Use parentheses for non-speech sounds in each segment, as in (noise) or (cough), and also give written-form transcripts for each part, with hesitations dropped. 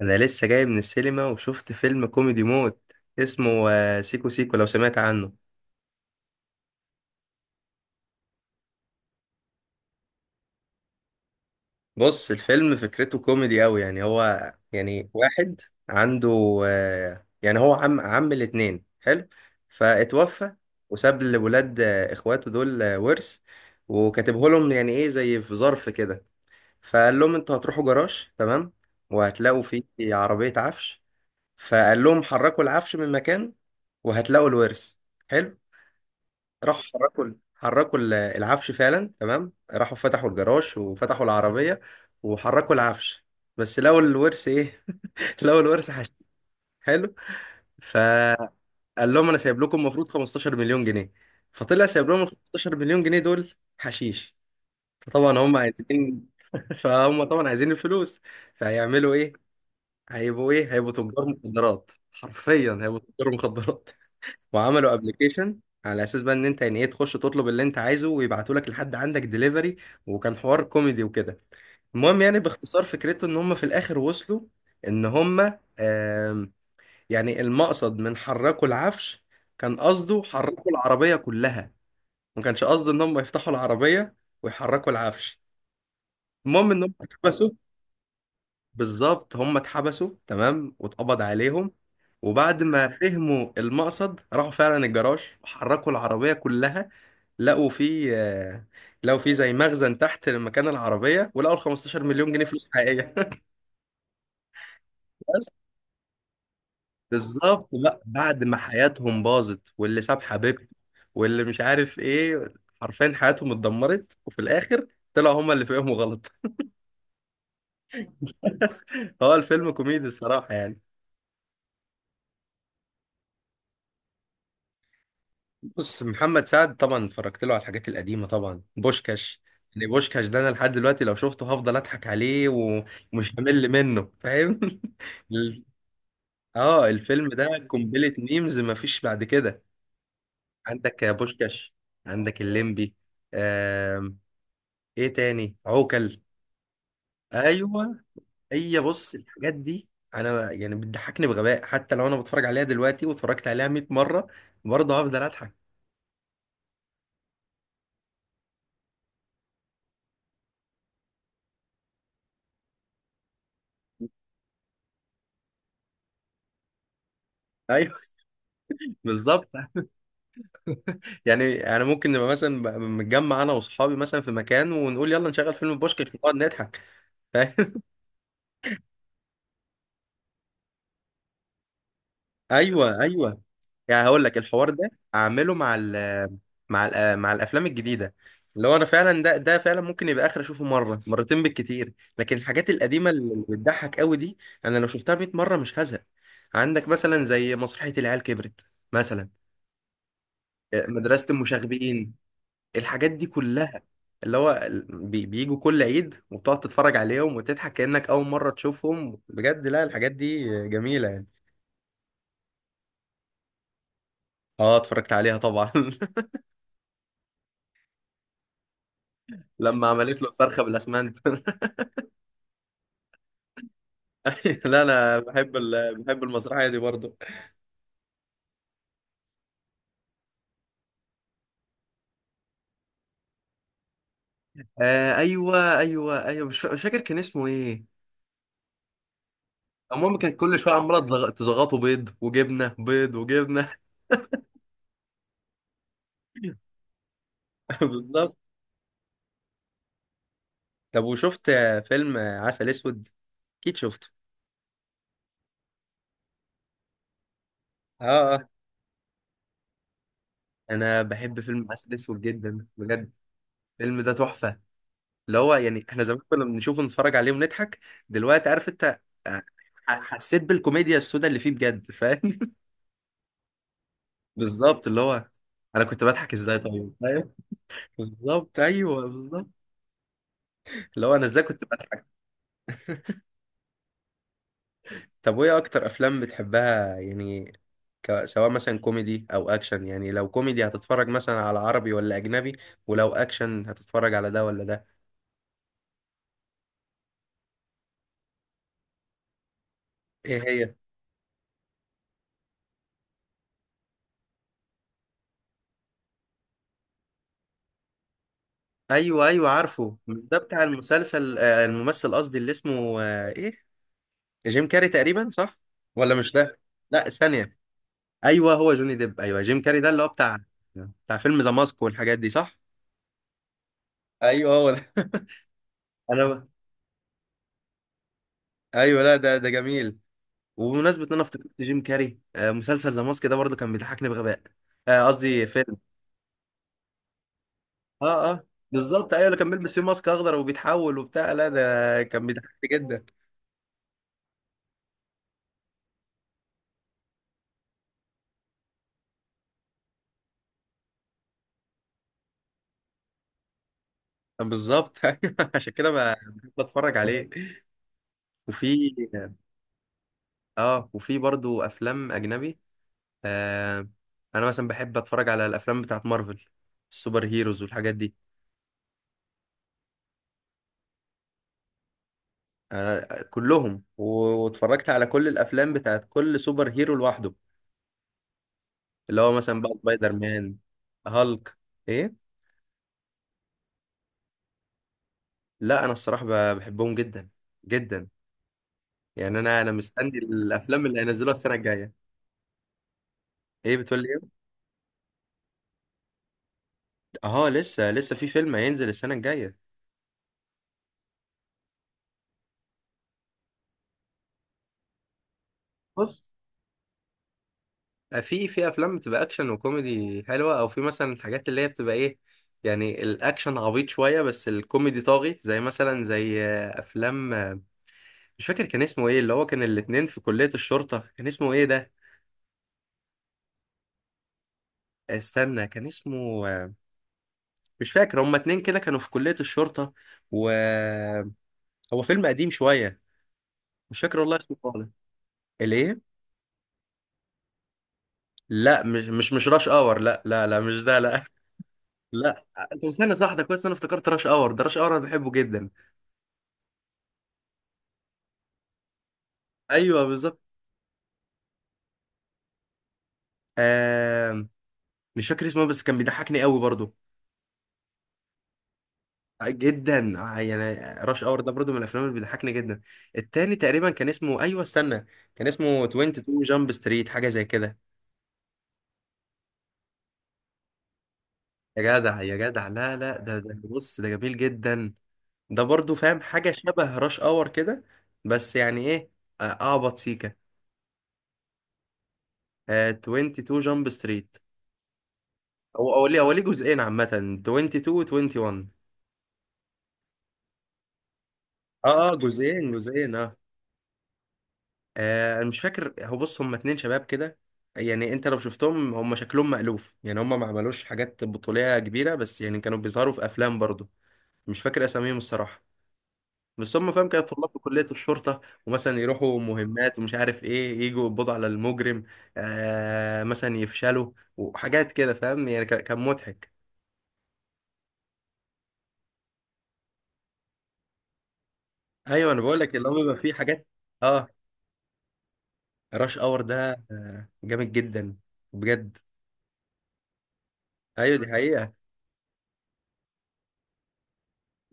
انا لسه جاي من السينما وشفت فيلم كوميدي موت. اسمه سيكو سيكو، لو سمعت عنه. بص، الفيلم فكرته كوميدي قوي، يعني هو يعني واحد عنده يعني هو عم الاتنين حلو، فاتوفى وساب لولاد اخواته دول ورث، وكاتبه لهم يعني ايه زي في ظرف كده. فقال لهم انتوا هتروحوا جراج، تمام، وهتلاقوا فيه عربية عفش. فقال لهم حركوا العفش من مكانه وهتلاقوا الورث. حلو. راحوا العفش فعلا، تمام، راحوا فتحوا الجراج وفتحوا العربية وحركوا العفش، بس لقوا الورث ايه؟ (laughs) لقوا الورث حش. حلو. فقال لهم: انا سايب لكم المفروض 15 مليون جنيه. فطلع سايب لهم ال 15 مليون جنيه دول حشيش. فطبعا هم عايزين (laughs) فهم طبعا عايزين الفلوس، فهيعملوا ايه؟ هيبقوا ايه؟ هيبقوا تجار مخدرات، حرفيا هيبقوا تجار مخدرات. وعملوا ابلكيشن على اساس بقى ان انت يعني ايه تخش تطلب اللي انت عايزه ويبعتوا لك لحد عندك ديليفري، وكان حوار كوميدي وكده. المهم يعني باختصار فكرته ان هم في الاخر وصلوا ان هم آم، يعني المقصد من حركوا العفش كان قصده حركوا العربية كلها، ما كانش قصده ان هم يفتحوا العربية ويحركوا العفش. المهم ان هم اتحبسوا. بالظبط، هم اتحبسوا، تمام، واتقبض عليهم، وبعد ما فهموا المقصد راحوا فعلا الجراج وحركوا العربية كلها، لقوا فيه لقوا فيه زي مخزن تحت مكان العربية، ولقوا ال 15 مليون جنيه فلوس حقيقية (laughs) بس، بالظبط بقى، بعد ما حياتهم باظت واللي ساب حبيبته واللي مش عارف ايه، حرفيا حياتهم اتدمرت، وفي الآخر طلعوا هما اللي فيهم غلط (laughs) بس هو الفيلم كوميدي الصراحة يعني. بص، محمد سعد طبعا اتفرجت له على الحاجات القديمة، طبعا بوشكاش، يعني بوشكاش ده انا لحد دلوقتي لو شفته هفضل اضحك عليه ومش همل منه، فاهم؟ (laughs) اه، الفيلم ده قنبلة ميمز مفيش بعد كده. عندك يا بوشكاش، عندك الليمبي. آم. ايه تاني؟ عوكل. ايوه، هي بص، الحاجات دي انا يعني بتضحكني بغباء، حتى لو انا بتفرج عليها دلوقتي واتفرجت عليها 100 مرة برضه هفضل اضحك. ايوه (laughs) بالظبط. يعني انا ممكن نبقى مثلا متجمع انا واصحابي مثلا في مكان، ونقول يلا نشغل فيلم بوشكاش ونقعد نضحك (laughs) ايوه، يعني هقول لك الحوار ده اعمله مع ال مع ال مع الافلام الجديده، اللي هو انا فعلا ده فعلا ممكن يبقى اخر اشوفه مره مرتين بالكتير. لكن الحاجات القديمه اللي بتضحك قوي دي انا لو شفتها 100 مره مش هزهق. عندك مثلا زي مسرحيه العيال كبرت، مثلا مدرسه المشاغبين، الحاجات دي كلها، اللي هو بيجوا كل عيد وبتقعد تتفرج عليهم وتضحك كأنك أول مرة تشوفهم بجد. لا، الحاجات دي جميلة يعني. اه اتفرجت عليها طبعا (laughs) لما عملت له الفرخة بالأسمنت. (laughs) لا، انا بحب المسرحيه دي برضو. آه ايوه ايوه ايوه، مش فاكر كان اسمه ايه. المهم كانت كل شويه عماله تزغطوا بيض وجبنه، بيض وجبنه. (laughs) بالظبط. طب وشفت فيلم عسل اسود؟ اكيد شفته. اه اه، انا بحب فيلم عسل اسود جدا بجد. الفيلم ده تحفه، اللي هو يعني احنا زمان كنا بنشوفه نتفرج عليه ونضحك، دلوقتي عارف انت آه، حسيت بالكوميديا السوداء اللي فيه بجد، فاهم؟ (laughs) بالظبط، اللي هو انا كنت بضحك ازاي؟ طيب. بالظبط، ايوه بالظبط، اللي هو انا ازاي كنت بضحك. طب وايه اكتر افلام بتحبها يعني؟ سواء مثلا كوميدي او اكشن، يعني لو كوميدي هتتفرج مثلا على عربي ولا اجنبي؟ ولو اكشن هتتفرج على ده ولا ده؟ ايه هي؟ ايوه ايوه عارفه، مش ده بتاع المسلسل الممثل قصدي اللي اسمه ايه؟ جيم كاري تقريبا، صح؟ ولا مش ده؟ لا ثانية. ايوه هو جوني ديب، ايوه جيم كاري ده اللي هو بتاع فيلم ذا ماسك والحاجات دي، صح؟ ايوه هو ده (laughs) انا، ايوه، لا، ده ده جميل. وبمناسبة ان انا افتكرت جيم كاري، مسلسل ذا ماسك ده برضه كان بيضحكني بغباء، قصدي فيلم. اه اه، بالظبط، ايوه، اللي كان بيلبس فيه ماسك اخضر وبيتحول وبتاع، لا ده كان بيضحكني جدا. بالظبط (laughs) أيوة، عشان كده بحب اتفرج عليه. وفي، اه، وفي برضه افلام اجنبي آه انا مثلا بحب اتفرج على الافلام بتاعت مارفل، السوبر هيروز والحاجات دي. آه كلهم واتفرجت على كل الافلام بتاعت كل سوبر هيرو لوحده، اللي هو مثلا بقى سبايدر مان، هالك. ايه؟ لا، انا الصراحه بحبهم جدا جدا، يعني انا مستني الافلام اللي هينزلوها السنه الجايه. ايه بتقول لي ايه؟ اه، لسه في فيلم هينزل السنه الجايه. بص، في افلام بتبقى اكشن وكوميدي حلوه، او في مثلا الحاجات اللي هي بتبقى ايه، يعني الاكشن عبيط شويه بس الكوميدي طاغي، زي مثلا زي افلام مش فاكر كان اسمه ايه، اللي هو كان الاتنين في كليه الشرطه، كان اسمه ايه ده؟ استنى كان اسمه، مش فاكر، هما اتنين كده كانوا في كلية الشرطة، و هو فيلم قديم شوية، مش فاكر والله اسمه خالص. الايه؟ لا، مش راش اور، لا لا لا، مش ده، لا (laughs) لا انت مستني، صح ده كويس، انا افتكرت راش اور، ده راش اور انا بحبه جدا. ايوه بالظبط. آه... مش فاكر اسمه بس كان بيضحكني قوي برضو جدا، يعني راش اور ده برضو من الافلام اللي بيضحكني جدا. التاني تقريبا كان اسمه، ايوه استنى، كان اسمه 22 جامب ستريت، حاجه زي كده. يا جدع يا جدع، لا لا، ده بص، ده جميل جدا، ده برضو فاهم حاجة شبه راش اور كده، بس يعني ايه، اعبط سيكا. آه 22 جامب ستريت، هو، هو ليه جزئين عامة، 22 و 21. اه اه، جزئين اه. انا مش فاكر، هو بص هم اتنين شباب كده، يعني انت لو شفتهم هم شكلهم مألوف، يعني هم ما عملوش حاجات بطولية كبيرة بس يعني كانوا بيظهروا في افلام برضو، مش فاكر اساميهم الصراحة، بس هم فاهم كده طلاب في كلية الشرطة ومثلا يروحوا مهمات ومش عارف ايه، يجوا يقبضوا على المجرم، آه مثلا يفشلوا وحاجات كده، فاهم يعني، كان مضحك. ايوه، انا بقول لك اللي هو بيبقى فيه حاجات، اه راش اور ده جامد جدا بجد. ايوه دي حقيقة.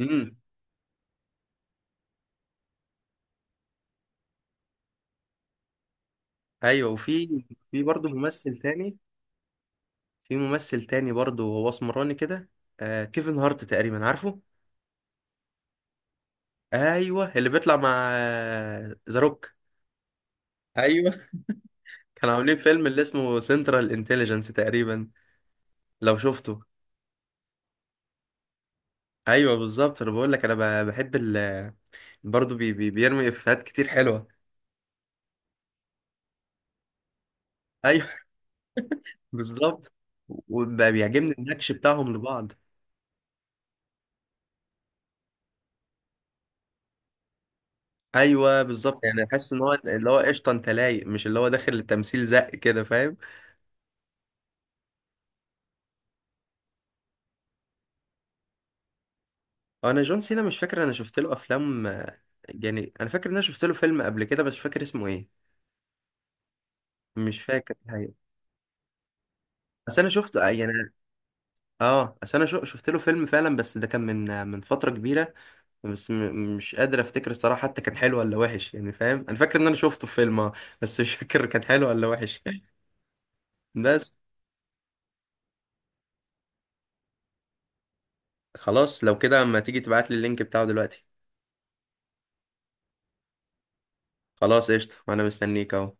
امم. ايوه، وفي برضه ممثل تاني، في ممثل تاني برضه، هو اسمراني كده، آه كيفن هارت تقريبا، عارفه؟ ايوه، اللي بيطلع مع ذا روك. ايوه، كانوا عاملين فيلم اللي اسمه سنترال انتليجنس تقريبا، لو شفته؟ ايوه بالظبط، انا بقول لك انا بحب ال، برضه بي بي بيرمي افيهات كتير حلوه. ايوه (laughs) بالظبط. وبيعجبني النكش بتاعهم لبعض. ايوه بالظبط، يعني احس ان هو، اللي هو قشطه انت لايق، مش اللي هو داخل للتمثيل زق كده، فاهم؟ هو انا جون سينا مش فاكر، انا شفت له افلام يعني انا فاكر ان انا شفت له فيلم قبل كده بس مش فاكر اسمه ايه، مش فاكر الحقيقه. بس انا شفته يعني، اه اصل انا شفت له فيلم فعلا، بس ده كان من فتره كبيره، بس مش قادر افتكر الصراحه، حتى كان حلو ولا وحش، يعني فاهم، انا فاكر ان انا شفته في فيلم بس مش فاكر كان حلو ولا وحش (laughs) بس. خلاص لو كده اما تيجي تبعت لي اللينك بتاعه دلوقتي. خلاص قشطه، وانا مستنيك اهو.